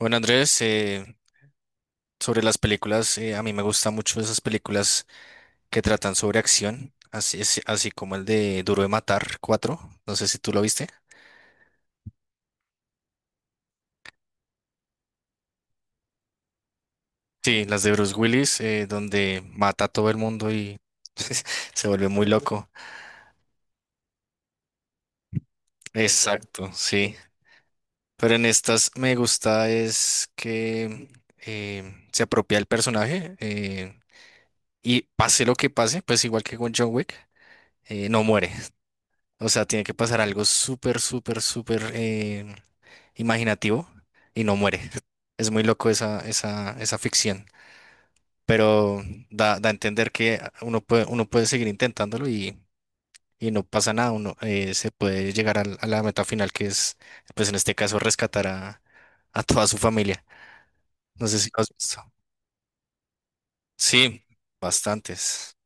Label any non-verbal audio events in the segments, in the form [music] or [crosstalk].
Bueno, Andrés, sobre las películas, a mí me gustan mucho esas películas que tratan sobre acción, así, así como el de Duro de Matar 4. No sé si tú lo viste. Sí, las de Bruce Willis, donde mata a todo el mundo y [laughs] se vuelve muy loco. Exacto, sí. Pero en estas me gusta es que se apropia el personaje y pase lo que pase, pues igual que con John Wick, no muere. O sea, tiene que pasar algo súper, súper, súper imaginativo y no muere. [laughs] Es muy loco esa ficción, pero da a entender que uno puede seguir intentándolo y no pasa nada, uno se puede llegar a la meta final que es, pues en este caso, rescatar a toda su familia. No sé si lo has visto. Sí, bastantes.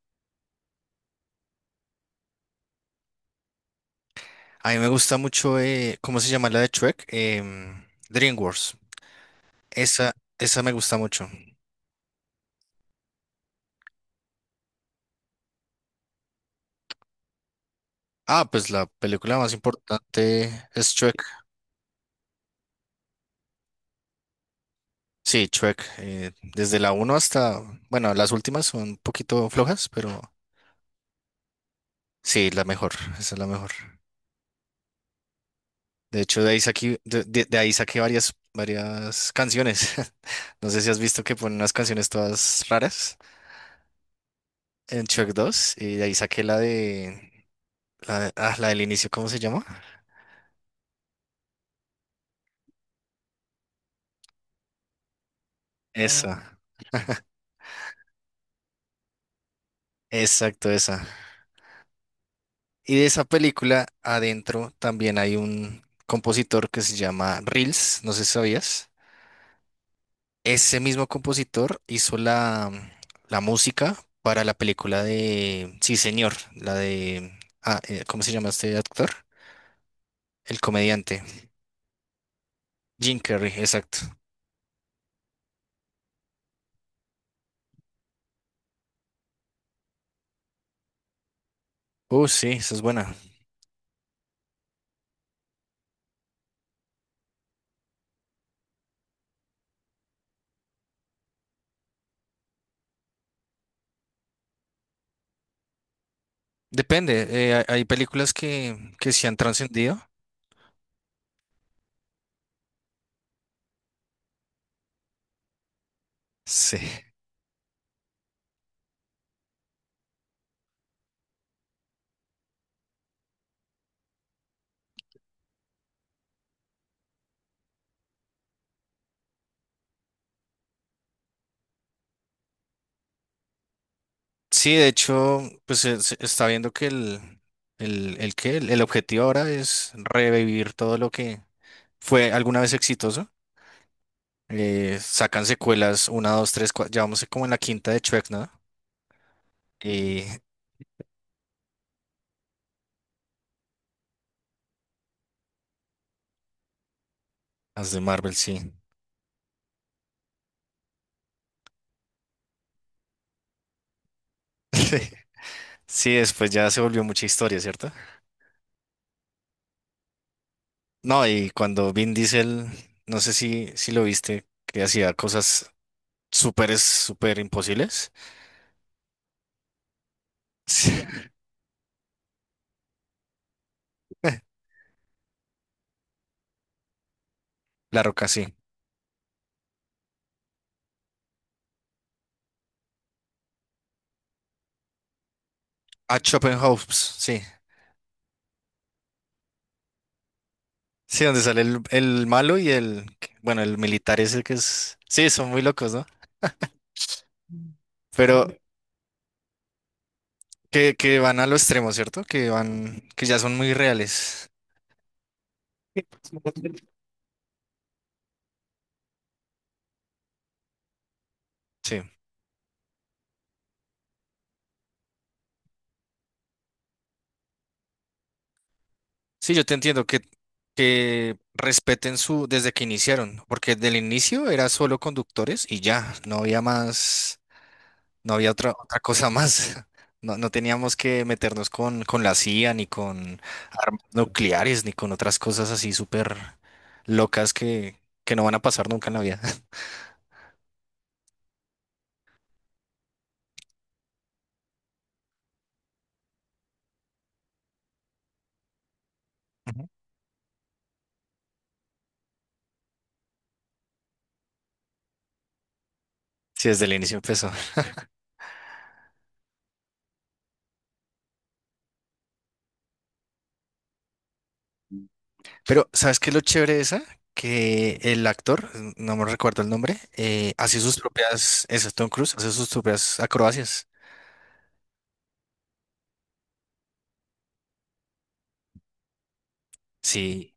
A mí me gusta mucho, ¿cómo se llama la de Shrek? DreamWorks. Esa, esa me gusta mucho. Ah, pues la película más importante es Shrek. Sí, Shrek. Desde la uno hasta, bueno, las últimas son un poquito flojas, pero sí, la mejor, esa es la mejor. De hecho, de ahí saqué varias canciones. [laughs] No sé si has visto que ponen unas canciones todas raras en Shrek dos y de ahí saqué la del inicio, ¿cómo se llama? Ah, esa, exacto, esa. Y de esa película adentro también hay un compositor que se llama Reels, no sé si sabías. Ese mismo compositor hizo la música para la película de Sí, señor, la de... Ah, ¿cómo se llama este actor? El comediante. Jim Carrey, exacto. Sí, esa es buena. Depende, hay películas que se han trascendido. Sí. Sí, de hecho, pues se está viendo que el objetivo ahora es revivir todo lo que fue alguna vez exitoso. Sacan secuelas, una, dos, tres, ya vamos como en la quinta de Shrek, ¿no? Y las de Marvel, sí. [laughs] Sí, después ya se volvió mucha historia, ¿cierto? No, y cuando Vin Diesel, no sé si lo viste, que hacía cosas súper, súper imposibles. Sí, [laughs] La Roca, sí. A House, sí. Sí, donde sale el malo y bueno, el militar ese que es, sí, son muy locos, ¿no? Pero que van a lo extremo, ¿cierto? Que van, que ya son muy reales. Sí, sí, yo te entiendo que respeten su, desde que iniciaron, porque del inicio era solo conductores y ya, no había más. No había otra cosa más. [laughs] No, no teníamos que meternos con la CIA, ni con armas nucleares, ni con otras cosas así súper locas que no van a pasar nunca en la vida. [laughs] Ujú. Sí, desde el inicio empezó. Pero, ¿sabes qué es lo chévere de esa? Que el actor, no me recuerdo el nombre, hace sus propias, ese es Tom Cruise, hace sus propias acrobacias. Sí,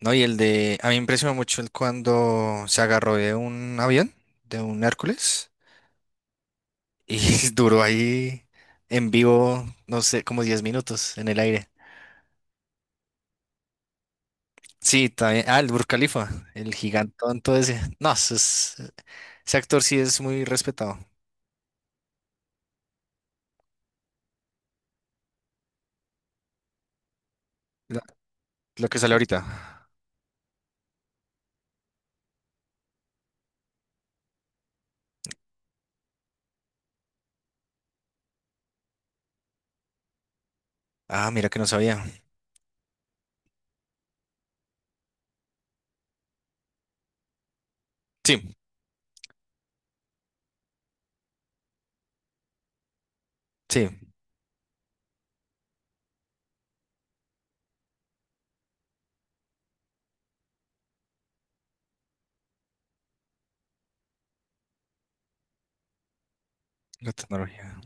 no, y el de, a mí me impresionó mucho el cuando se agarró de un avión, de un Hércules, y [laughs] duró ahí en vivo, no sé, como 10 minutos en el aire. Sí, también, ah, el Burj Khalifa, el gigantón, todo ese. No, ese actor sí es muy respetado. Lo, lo que sale ahorita. Ah, mira que no sabía. Sí, sí, la tecnología.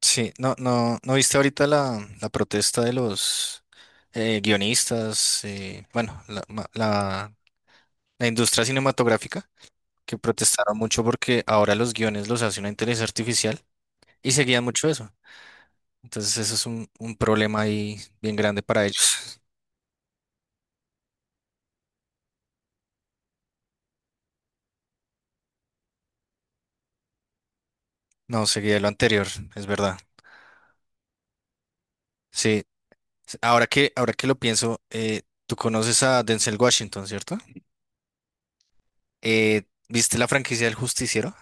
Sí, no, no, ¿no viste ahorita la protesta de los guionistas? Bueno, la, ma- la la industria cinematográfica, que protestaron mucho porque ahora los guiones los hace una inteligencia artificial y seguían mucho eso. Entonces eso es un problema ahí bien grande para ellos. No, seguía lo anterior, es verdad. Sí, ahora que lo pienso, tú conoces a Denzel Washington, ¿cierto? Eh, ¿Viste la franquicia del Justiciero?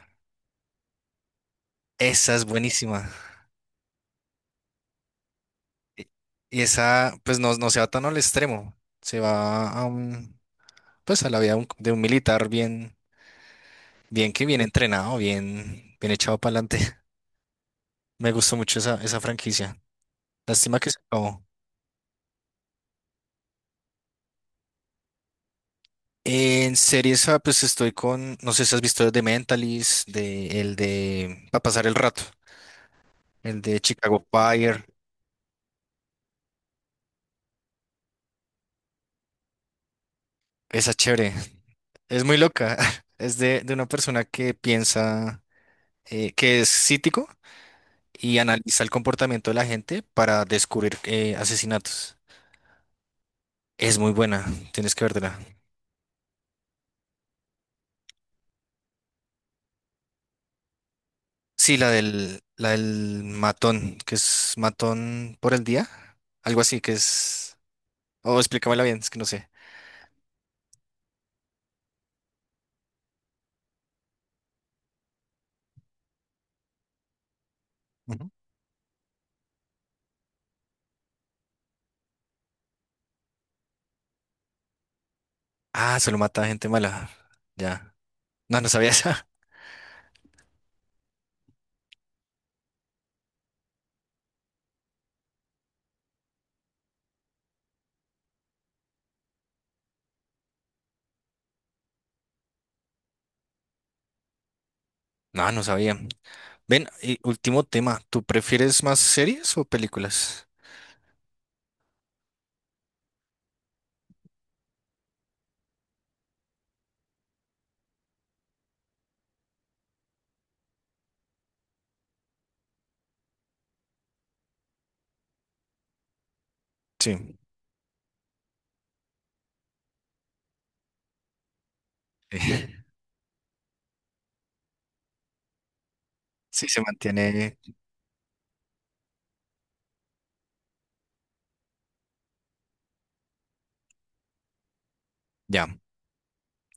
Esa es buenísima. Y y esa, pues no, no se va tan al extremo, se va a un, pues a la vida de un militar bien. Bien que bien entrenado, bien, bien echado para adelante. [laughs] Me gustó mucho esa franquicia. Lástima que se acabó. En series, ah, pues estoy con, no sé si has visto The Mentalist, para pasar el rato, el de Chicago Fire. Esa es chévere. [laughs] Es muy loca. [laughs] Es de una persona que piensa, que es cítico y analiza el comportamiento de la gente para descubrir asesinatos. Es muy buena. Tienes que verla. Sí, la del matón, que es matón por el día, algo así que es... Oh, explícamela bien, es que no sé. Ujú. Ah, se lo mata a gente mala. Ya. No, no sabía esa. [laughs] No, no sabía. Ven, y último tema, ¿tú prefieres más series o películas? Sí. [laughs] Sí, se mantiene ya.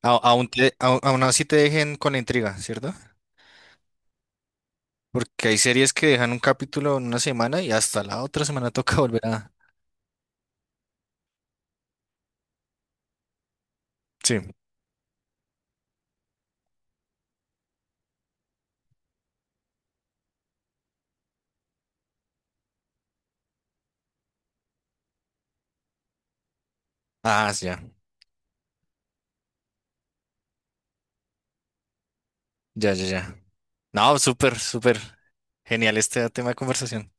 Aún así te dejen con la intriga, ¿cierto? Porque hay series que dejan un capítulo en una semana y hasta la otra semana [laughs] toca volver a... Sí. Ah, ya. Ya, ya, ya. No, súper, súper genial este tema de conversación.